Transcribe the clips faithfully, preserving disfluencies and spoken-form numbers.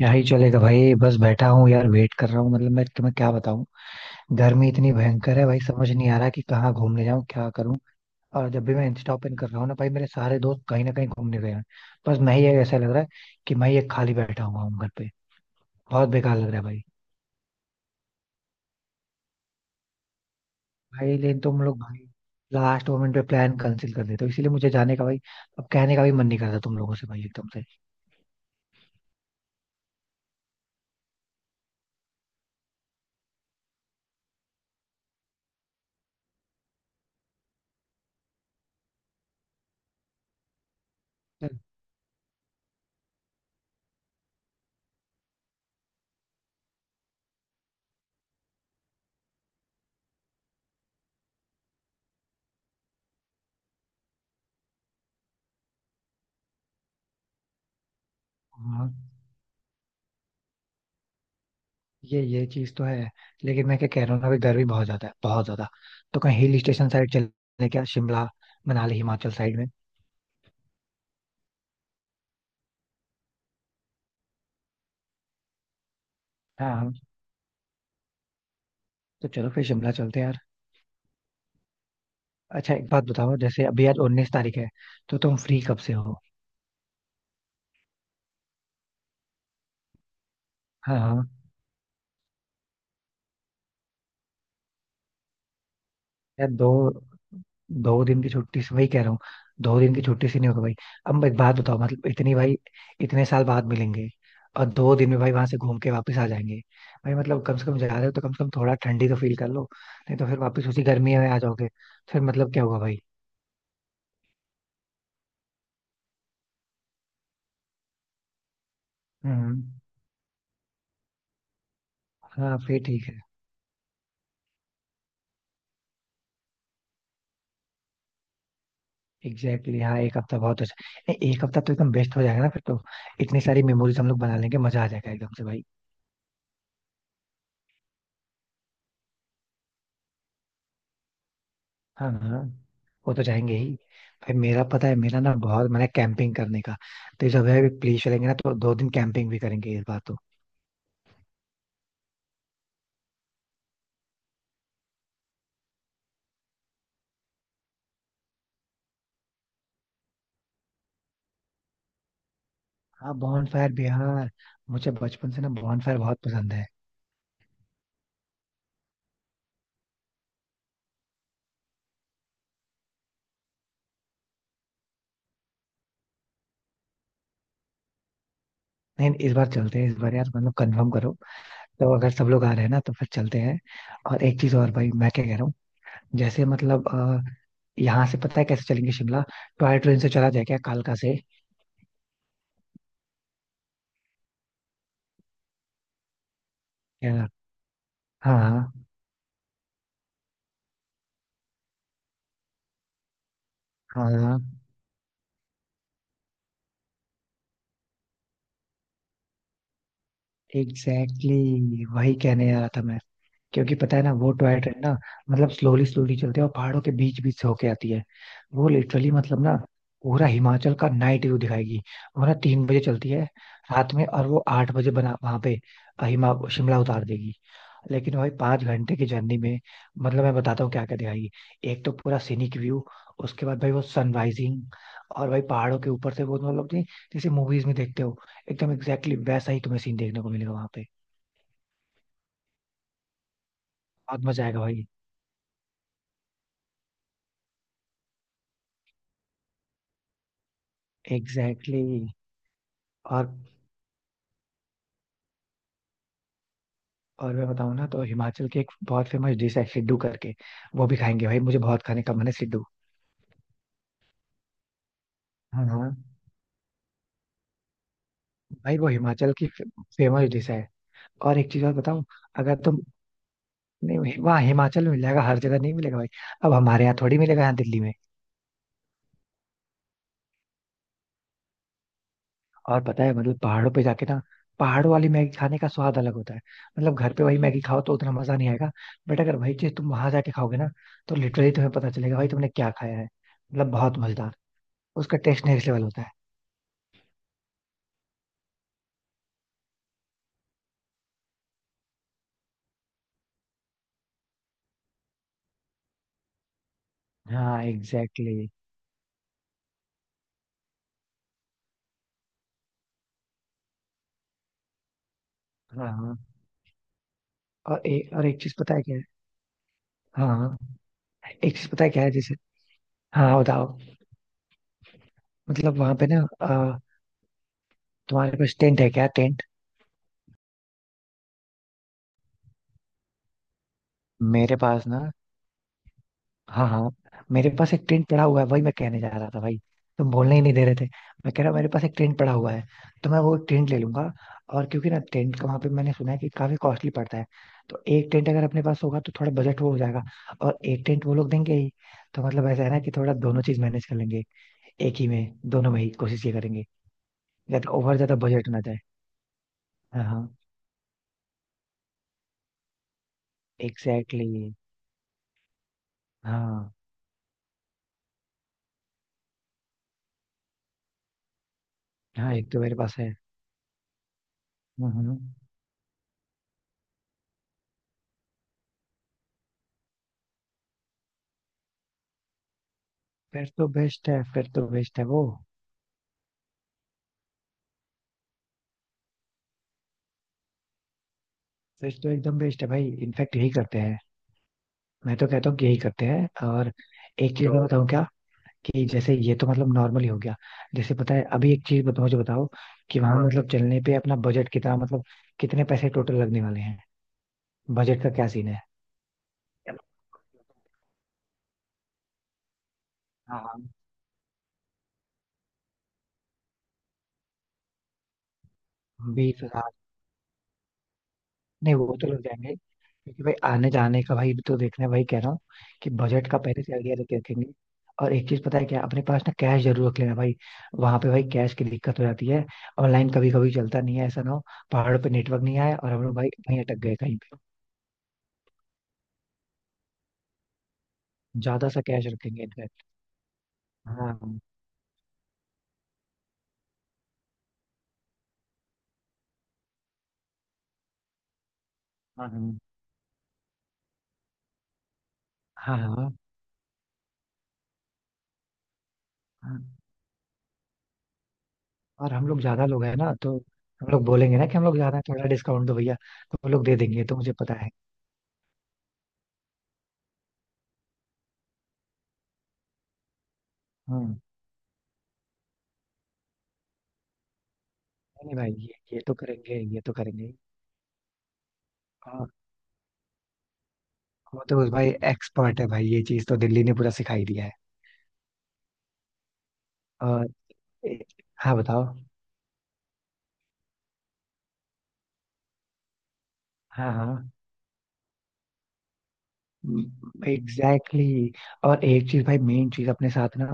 यही चलेगा भाई, बस बैठा हूँ यार, वेट कर रहा हूँ। मतलब मैं तुम्हें क्या बताऊँ। गर्मी इतनी भयंकर है भाई, समझ नहीं आ रहा कि कहाँ घूमने जाऊँ, क्या करूँ। और जब भी मैं इंस्टा ओपन कर रहा हूँ ना भाई, मेरे सारे दोस्त कहीं ना कहीं घूमने गए हैं। बस मैं ही ऐसा लग रहा है कि मैं ये खाली बैठा हुआ हूँ घर पे। बहुत बेकार लग रहा है भाई। भाई लेकिन तुम लोग भाई लास्ट मोमेंट पे प्लान कैंसिल कर देते हो, इसीलिए मुझे जाने का भाई अब कहने का भी मन नहीं करता तुम लोगों से भाई एकदम से। हाँ, ये ये चीज तो है। लेकिन मैं क्या कह रहा हूँ ना, अभी गर्मी बहुत ज्यादा है, बहुत ज्यादा। तो कहीं हिल स्टेशन साइड चले क्या? शिमला, मनाली, हिमाचल साइड में। हाँ हम। तो चलो फिर शिमला चलते हैं यार। अच्छा एक बात बताओ, जैसे अभी आज उन्नीस तारीख है, तो तुम फ्री कब से हो? हाँ हाँ। यार दो दो दिन की छुट्टी से वही कह रहा हूँ, दो दिन की छुट्टी से नहीं होगा भाई। अब एक बात बताओ, मतलब इतनी भाई, इतने साल बाद मिलेंगे और दो दिन में भाई वहां से घूम के वापस आ जाएंगे? भाई मतलब कम से कम जा रहे हो तो कम से कम थोड़ा ठंडी तो फील कर लो, नहीं तो फिर वापस उसी गर्मी में आ जाओगे। फिर मतलब क्या होगा भाई। हम्म। हाँ फिर ठीक है। एग्जैक्टली exactly, हाँ एक हफ्ता बहुत अच्छा। नहीं, एक हफ्ता तो एकदम बेस्ट हो जाएगा ना फिर तो। इतनी सारी मेमोरीज हम लोग बना लेंगे, मजा आ जाएगा एकदम से भाई। हाँ हाँ, वो तो जाएंगे ही। भाई मेरा पता है, मेरा ना बहुत मन है कैंपिंग करने का। तो जब है प्लीज चलेंगे ना, तो दो दिन कैंपिंग भी करेंगे इस बार तो। हाँ, बॉनफायर बिहार, मुझे बचपन से ना बॉनफायर बहुत पसंद है। नहीं, इस बार चलते हैं इस बार यार, मतलब कंफर्म करो। तो अगर सब लोग आ रहे हैं ना तो फिर चलते हैं। और एक चीज और भाई, मैं क्या कह रहा हूँ, जैसे मतलब अ, यहाँ से पता है कैसे चलेंगे शिमला? टॉय ट्रेन से चला जाए क्या, कालका से? क्या? हाँ हाँ हाँ। एग्जैक्टली exactly, वही कहने आ रहा था मैं। क्योंकि पता है ना वो टॉय ट्रेन ना, मतलब स्लोली स्लोली चलती है और पहाड़ों के बीच बीच से होके आती है। वो लिटरली मतलब ना पूरा हिमाचल का नाइट व्यू दिखाएगी। वो ना तीन बजे चलती है रात में, और वो आठ बजे बना वहां पे हिमा शिमला उतार देगी। लेकिन भाई पांच घंटे की जर्नी में मतलब मैं बताता हूँ क्या क्या दिखाएगी। एक तो पूरा सीनिक व्यू, उसके बाद भाई वो सनराइजिंग, और भाई पहाड़ों के ऊपर से वो तो मतलब नहीं, जैसे मूवीज में देखते हो एकदम एग्जैक्टली वैसा ही तुम्हें सीन देखने को मिलेगा वहां पे। बहुत मजा आएगा भाई। एग्जैक्टली। और और मैं बताऊँ ना, तो हिमाचल की एक बहुत फेमस डिश है सिड्डू करके। वो भी खाएंगे भाई, मुझे बहुत खाने का मन है सिड्डू। हाँ हाँ, भाई वो हिमाचल की फेमस डिश है। और एक चीज और बताऊं, अगर तुम, नहीं वहाँ हिमाचल में मिल जाएगा, हर जगह नहीं मिलेगा भाई। अब हमारे यहाँ थोड़ी मिलेगा यहाँ दिल्ली में। और पता है मतलब पहाड़ों पे जाके ना पहाड़ों वाली मैगी खाने का स्वाद अलग होता है। मतलब घर पे वही मैगी खाओ तो उतना मजा नहीं आएगा। बट अगर वही चीज तुम वहां जाके खाओगे ना, तो लिटरली तुम्हें पता चलेगा भाई तुमने क्या खाया है, मतलब बहुत मजेदार। उसका टेस्ट नेक्स्ट लेवल होता है। हाँ एग्जैक्टली exactly. हाँ हाँ। और, ए, और एक चीज पता है क्या है। हाँ हाँ। एक चीज पता है क्या है, जैसे, हाँ बताओ। मतलब वहां पे ना अ, तुम्हारे पास टेंट है क्या, टेंट? मेरे पास ना, हाँ हाँ, मेरे पास एक टेंट पड़ा हुआ है, वही मैं कहने जा रहा था भाई, तुम बोलने ही नहीं दे रहे थे। मैं कह रहा हूँ मेरे पास एक टेंट पड़ा हुआ है, तो मैं वो टेंट ले लूंगा। और क्योंकि ना टेंट का वहां पे मैंने सुना है कि काफी कॉस्टली पड़ता है, तो एक टेंट अगर अपने पास होगा तो थोड़ा बजट वो हो जाएगा। और एक टेंट वो लोग देंगे ही, तो मतलब ऐसा है ना कि थोड़ा दोनों चीज मैनेज कर लेंगे, एक ही में, दोनों में ही कोशिश ये करेंगे ज्यादा ओवर ज्यादा बजट ना जाए। हाँ हाँ। Exactly exactly. हाँ हाँ, एक तो मेरे पास है। हम्म हम्म। फिर तो बेस्ट है, फिर तो बेस्ट है वो। फिर तो एकदम बेस्ट है भाई, इनफैक्ट यही करते हैं। मैं तो कहता हूँ कि यही करते हैं। और एक चीज मैं बताऊँ क्या, कि जैसे ये तो मतलब नॉर्मल ही हो गया, जैसे पता है अभी एक चीज बताओ, मुझे बताओ कि वहां, हाँ मतलब चलने पे अपना बजट कितना, मतलब कितने पैसे टोटल लगने वाले हैं? बजट का क्या सीन है? हाँ बीस। नहीं वो तो लग जाएंगे, क्योंकि भाई आने जाने का भाई तो देखना है, वही कह रहा हूँ कि बजट का पहले से आइडिया लेके रखेंगे। और एक चीज पता है क्या, अपने पास ना कैश जरूर रख लेना भाई। वहां पे भाई कैश की दिक्कत हो जाती है, ऑनलाइन कभी कभी चलता नहीं है। ऐसा ना हो पहाड़ों पे नेटवर्क नहीं आया और हम लोग भाई वहीं अटक गए कहीं पे। ज्यादा सा कैश रखेंगे इनफैक्ट। हाँ हाँ हाँ हाँ हाँ, हाँ। और हम लोग ज्यादा लोग हैं ना, तो हम लोग बोलेंगे ना कि हम लोग ज्यादा हैं, थोड़ा डिस्काउंट दो भैया, तो वो लोग दे देंगे, तो मुझे पता है। हम्म। नहीं भाई, ये ये तो करेंगे, ये तो करेंगे। हाँ। वो तो बस भाई एक्सपर्ट है भाई, ये चीज तो दिल्ली ने पूरा सिखाई दिया है। और हाँ बताओ। हाँ हाँ एग्जैक्टली exactly. और एक चीज भाई, मेन चीज अपने साथ ना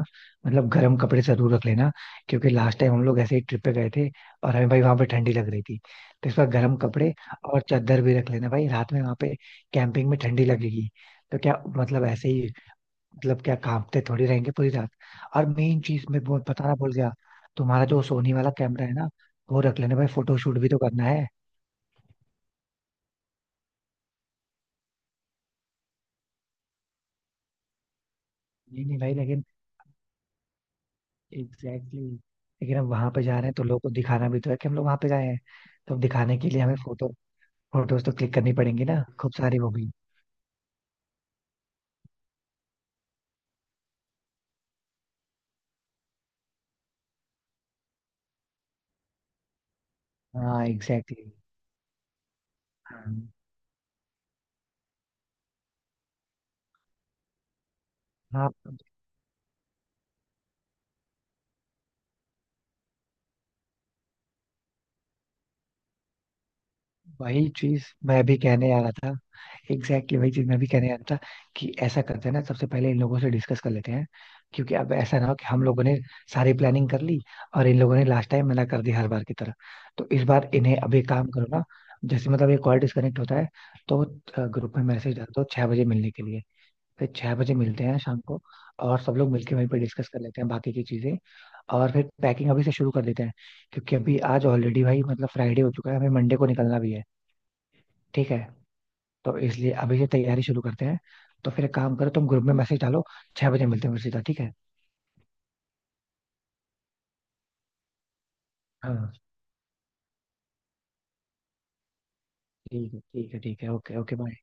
मतलब गर्म कपड़े जरूर रख लेना, क्योंकि लास्ट टाइम हम लोग ऐसे ही ट्रिप पे गए थे और हमें भाई वहां पे ठंडी लग रही थी, तो इस बार गर्म कपड़े। और चादर भी रख लेना भाई, रात में वहां पे कैंपिंग में ठंडी लगेगी, तो क्या मतलब ऐसे ही, मतलब क्या कांपते थोड़ी रहेंगे पूरी रात। और मेन चीज मैं वो बताना भूल गया, तुम्हारा जो सोनी वाला कैमरा है ना, वो रख लेना भाई, फोटो शूट भी तो करना है। नहीं नहीं भाई लेकिन, एग्जैक्टली exactly, लेकिन हम वहां पे जा रहे हैं तो लोगों को दिखाना भी तो है कि हम लोग वहां पे गए हैं। तो अब दिखाने के लिए हमें फोटो फोटोज तो क्लिक करनी पड़ेंगी ना, खूब सारी वो भी। हाँ एग्जैक्टली exactly. हाँ हाँ, वही चीज मैं भी कहने आ रहा था, एग्जैक्टली वही चीज मैं भी कहने आ रहा था, कि ऐसा करते हैं ना, सबसे पहले इन लोगों से डिस्कस कर लेते हैं। क्योंकि अब ऐसा ना हो कि हम लोगों ने सारी प्लानिंग कर ली और इन लोगों ने लास्ट टाइम मना कर दिया हर बार की तरह, तो इस बार इन्हें अभी काम करो ना। जैसे मतलब ये कॉल डिस्कनेक्ट होता है, तो ग्रुप में मैसेज डाल दो छह बजे मिलने के लिए, फिर छह बजे मिलते हैं शाम को, और सब लोग मिलके वहीं पे डिस्कस कर लेते हैं बाकी की चीजें। और फिर पैकिंग अभी से शुरू कर देते हैं, क्योंकि अभी आज ऑलरेडी भाई मतलब फ्राइडे हो चुका है, हमें मंडे को निकलना भी है। ठीक है, तो इसलिए अभी से तैयारी शुरू करते हैं। तो फिर एक काम करो, तुम ग्रुप में मैसेज डालो, छह बजे मिलते हैं फिर सीधा, ठीक है? हाँ ठीक है, ठीक है ठीक है, ओके ओके।